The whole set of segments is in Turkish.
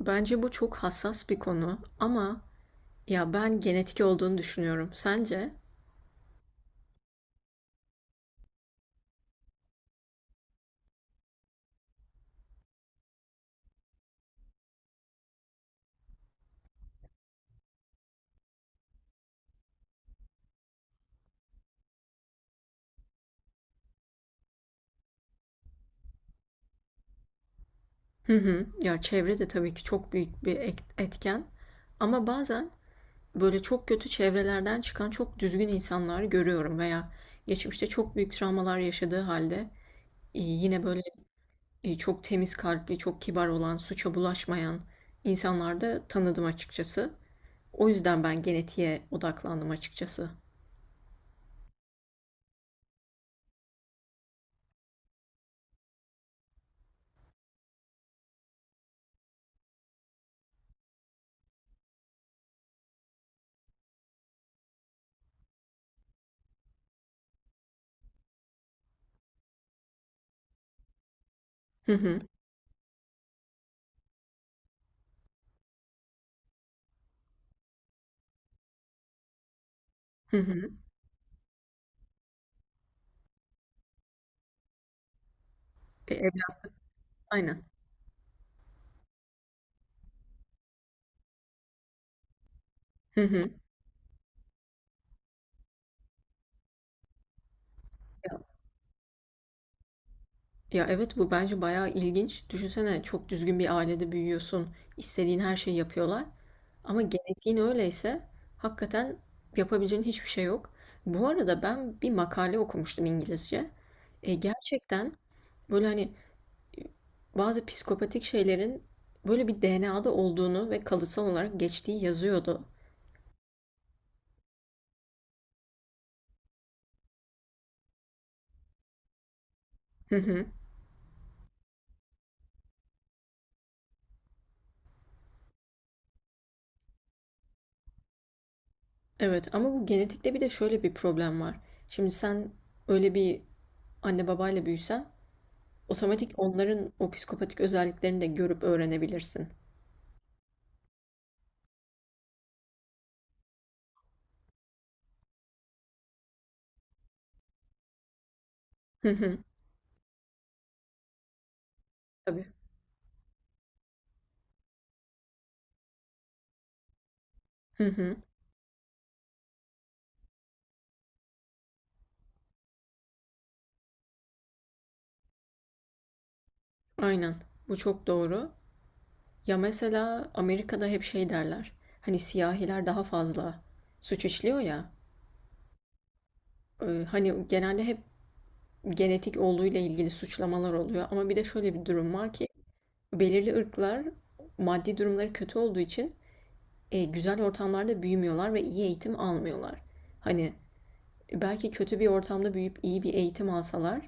Bence bu çok hassas bir konu ama ya ben genetik olduğunu düşünüyorum. Sence? Hı hı. Ya çevre de tabii ki çok büyük bir etken. Ama bazen böyle çok kötü çevrelerden çıkan çok düzgün insanlar görüyorum veya geçmişte çok büyük travmalar yaşadığı halde, yine böyle, çok temiz kalpli, çok kibar olan, suça bulaşmayan insanlar da tanıdım açıkçası. O yüzden ben genetiğe odaklandım açıkçası. Hı hı. Hı hı. E, evlat- aynen. Hı hı. Ya evet, bu bence bayağı ilginç. Düşünsene, çok düzgün bir ailede büyüyorsun. İstediğin her şeyi yapıyorlar. Ama genetiğin öyleyse hakikaten yapabileceğin hiçbir şey yok. Bu arada ben bir makale okumuştum İngilizce. Gerçekten böyle, hani, e, bazı psikopatik şeylerin böyle bir DNA'da olduğunu ve kalıtsal olarak geçtiği yazıyordu. Hı hı. Evet, ama bu genetikte bir de şöyle bir problem var. Şimdi sen öyle bir anne babayla büyüsen, otomatik onların o psikopatik özelliklerini de görüp öğrenebilirsin. Hı hı. Tabii. Hı hı. Aynen. Bu çok doğru. Ya mesela Amerika'da hep şey derler. Hani siyahiler daha fazla suç işliyor ya. Hani genelde hep genetik olduğuyla ilgili suçlamalar oluyor. Ama bir de şöyle bir durum var ki belirli ırklar, maddi durumları kötü olduğu için, güzel ortamlarda büyümüyorlar ve iyi eğitim almıyorlar. Hani belki kötü bir ortamda büyüyüp iyi bir eğitim alsalar,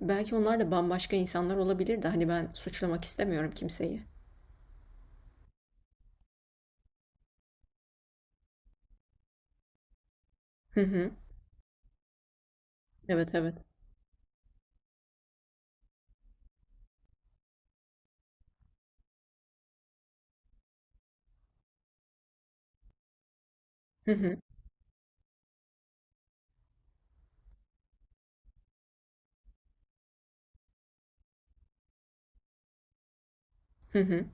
belki onlar da bambaşka insanlar olabilir de. Hani ben suçlamak istemiyorum kimseyi. Hı hı. Evet, evet. Hı hı. Hı hı.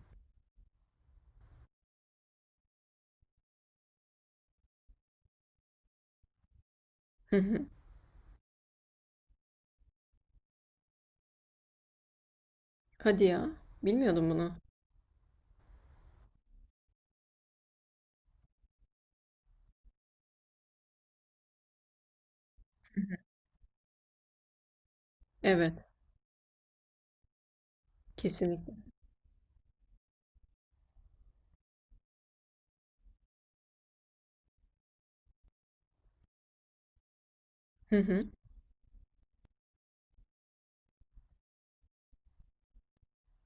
Hı hı. Hadi ya. Bilmiyordum bunu. Evet. Kesinlikle. Hı hı.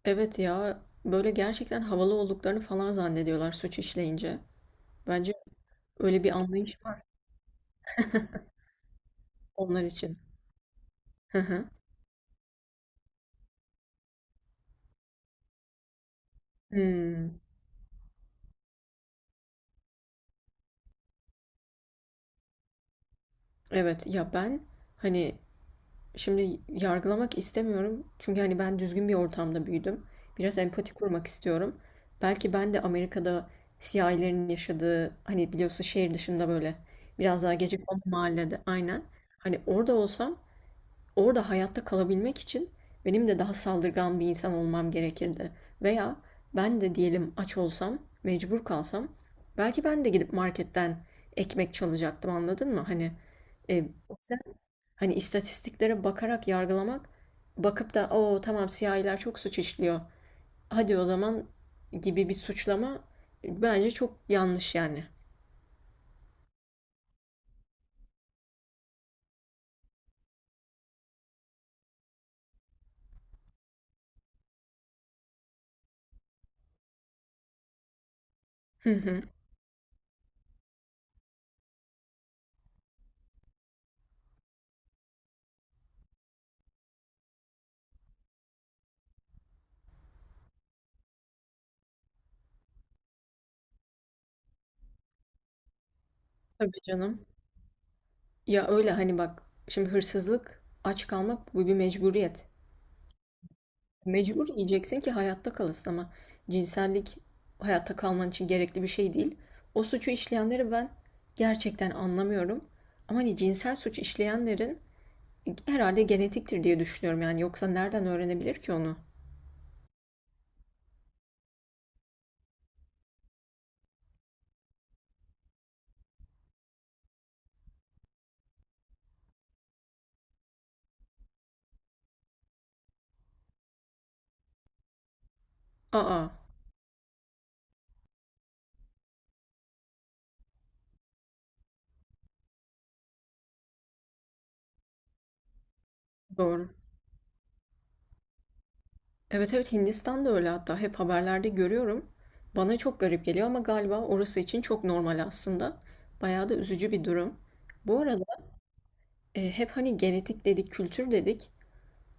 Evet ya. Böyle gerçekten havalı olduklarını falan zannediyorlar suç işleyince. Bence öyle bir anlayış var onlar için. Hı hı. Hmm. Evet ya, ben hani, şimdi yargılamak istemiyorum. Çünkü hani ben düzgün bir ortamda büyüdüm. Biraz empati kurmak istiyorum. Belki ben de Amerika'da siyahilerin yaşadığı, hani biliyorsun, şehir dışında böyle biraz daha gecekondu mahallede, aynen. Hani orada olsam, orada hayatta kalabilmek için benim de daha saldırgan bir insan olmam gerekirdi. Veya ben de diyelim aç olsam, mecbur kalsam, belki ben de gidip marketten ekmek çalacaktım, anladın mı? E, Hani istatistiklere bakarak yargılamak, bakıp da "o tamam, siyahiler çok suç işliyor, hadi o zaman" gibi bir suçlama, bence çok yanlış yani. Hı hı. Tabii canım. Ya öyle, hani bak, şimdi hırsızlık, aç kalmak, bu bir mecburiyet. Mecbur yiyeceksin ki hayatta kalasın, ama cinsellik hayatta kalman için gerekli bir şey değil. O suçu işleyenleri ben gerçekten anlamıyorum. Ama hani cinsel suç işleyenlerin herhalde genetiktir diye düşünüyorum, yani yoksa nereden öğrenebilir ki onu? Aa, doğru. Evet, evet, Hindistan'da öyle, hatta hep haberlerde görüyorum. Bana çok garip geliyor ama galiba orası için çok normal aslında. Bayağı da üzücü bir durum. Bu arada, hep hani genetik dedik, kültür dedik.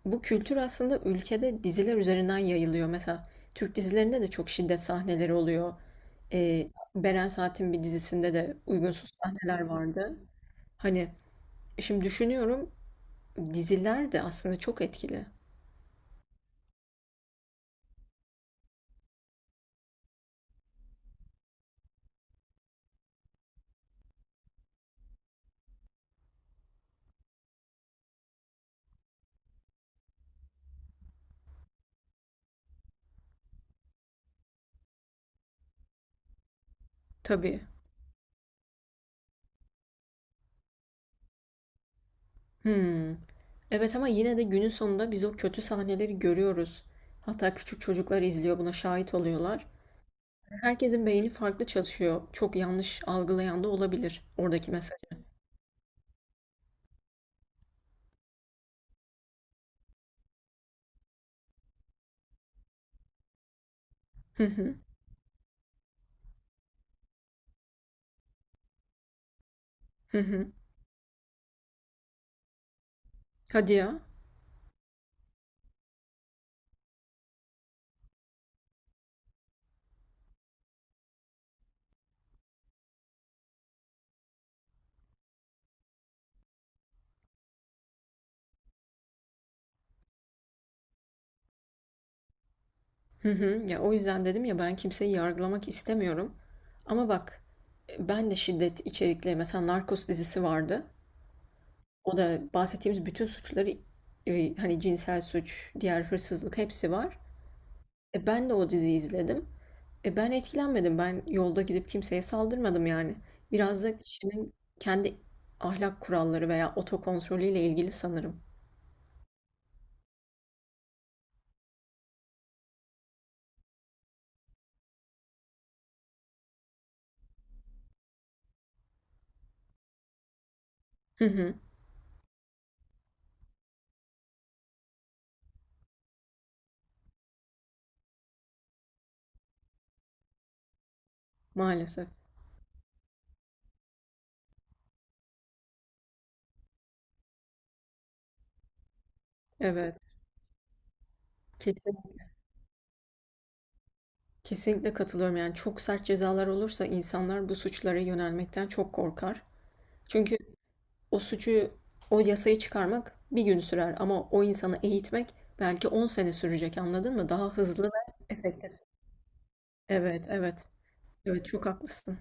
Bu kültür aslında ülkede diziler üzerinden yayılıyor. Mesela Türk dizilerinde de çok şiddet sahneleri oluyor. Beren Saat'in bir dizisinde de uygunsuz sahneler vardı. Hani, şimdi düşünüyorum, diziler de aslında çok etkili. Tabii. Hımm. Evet, ama yine de günün sonunda biz o kötü sahneleri görüyoruz. Hatta küçük çocuklar izliyor, buna şahit oluyorlar. Herkesin beyni farklı çalışıyor. Çok yanlış algılayan da olabilir oradaki mesajı. Hı hı. Hı hı. Hadi ya. Hı hı. Ya o yüzden dedim ya, ben kimseyi yargılamak istemiyorum. Ama bak, ben de şiddet içerikli mesela Narcos dizisi vardı. O da bahsettiğimiz bütün suçları, hani cinsel suç, diğer hırsızlık, hepsi var. Ben de o diziyi izledim. Ben etkilenmedim. Ben yolda gidip kimseye saldırmadım yani. Biraz da kişinin kendi ahlak kuralları veya otokontrolüyle ilgili sanırım. Hı hı. Maalesef. Evet. Kesin, kesinlikle katılıyorum. Yani çok sert cezalar olursa insanlar bu suçlara yönelmekten çok korkar. Çünkü o suçu, o yasayı çıkarmak bir gün sürer, ama o insanı eğitmek belki 10 sene sürecek, anladın mı? Daha hızlı ve efektif. Evet, evet. Evet, çok haklısın.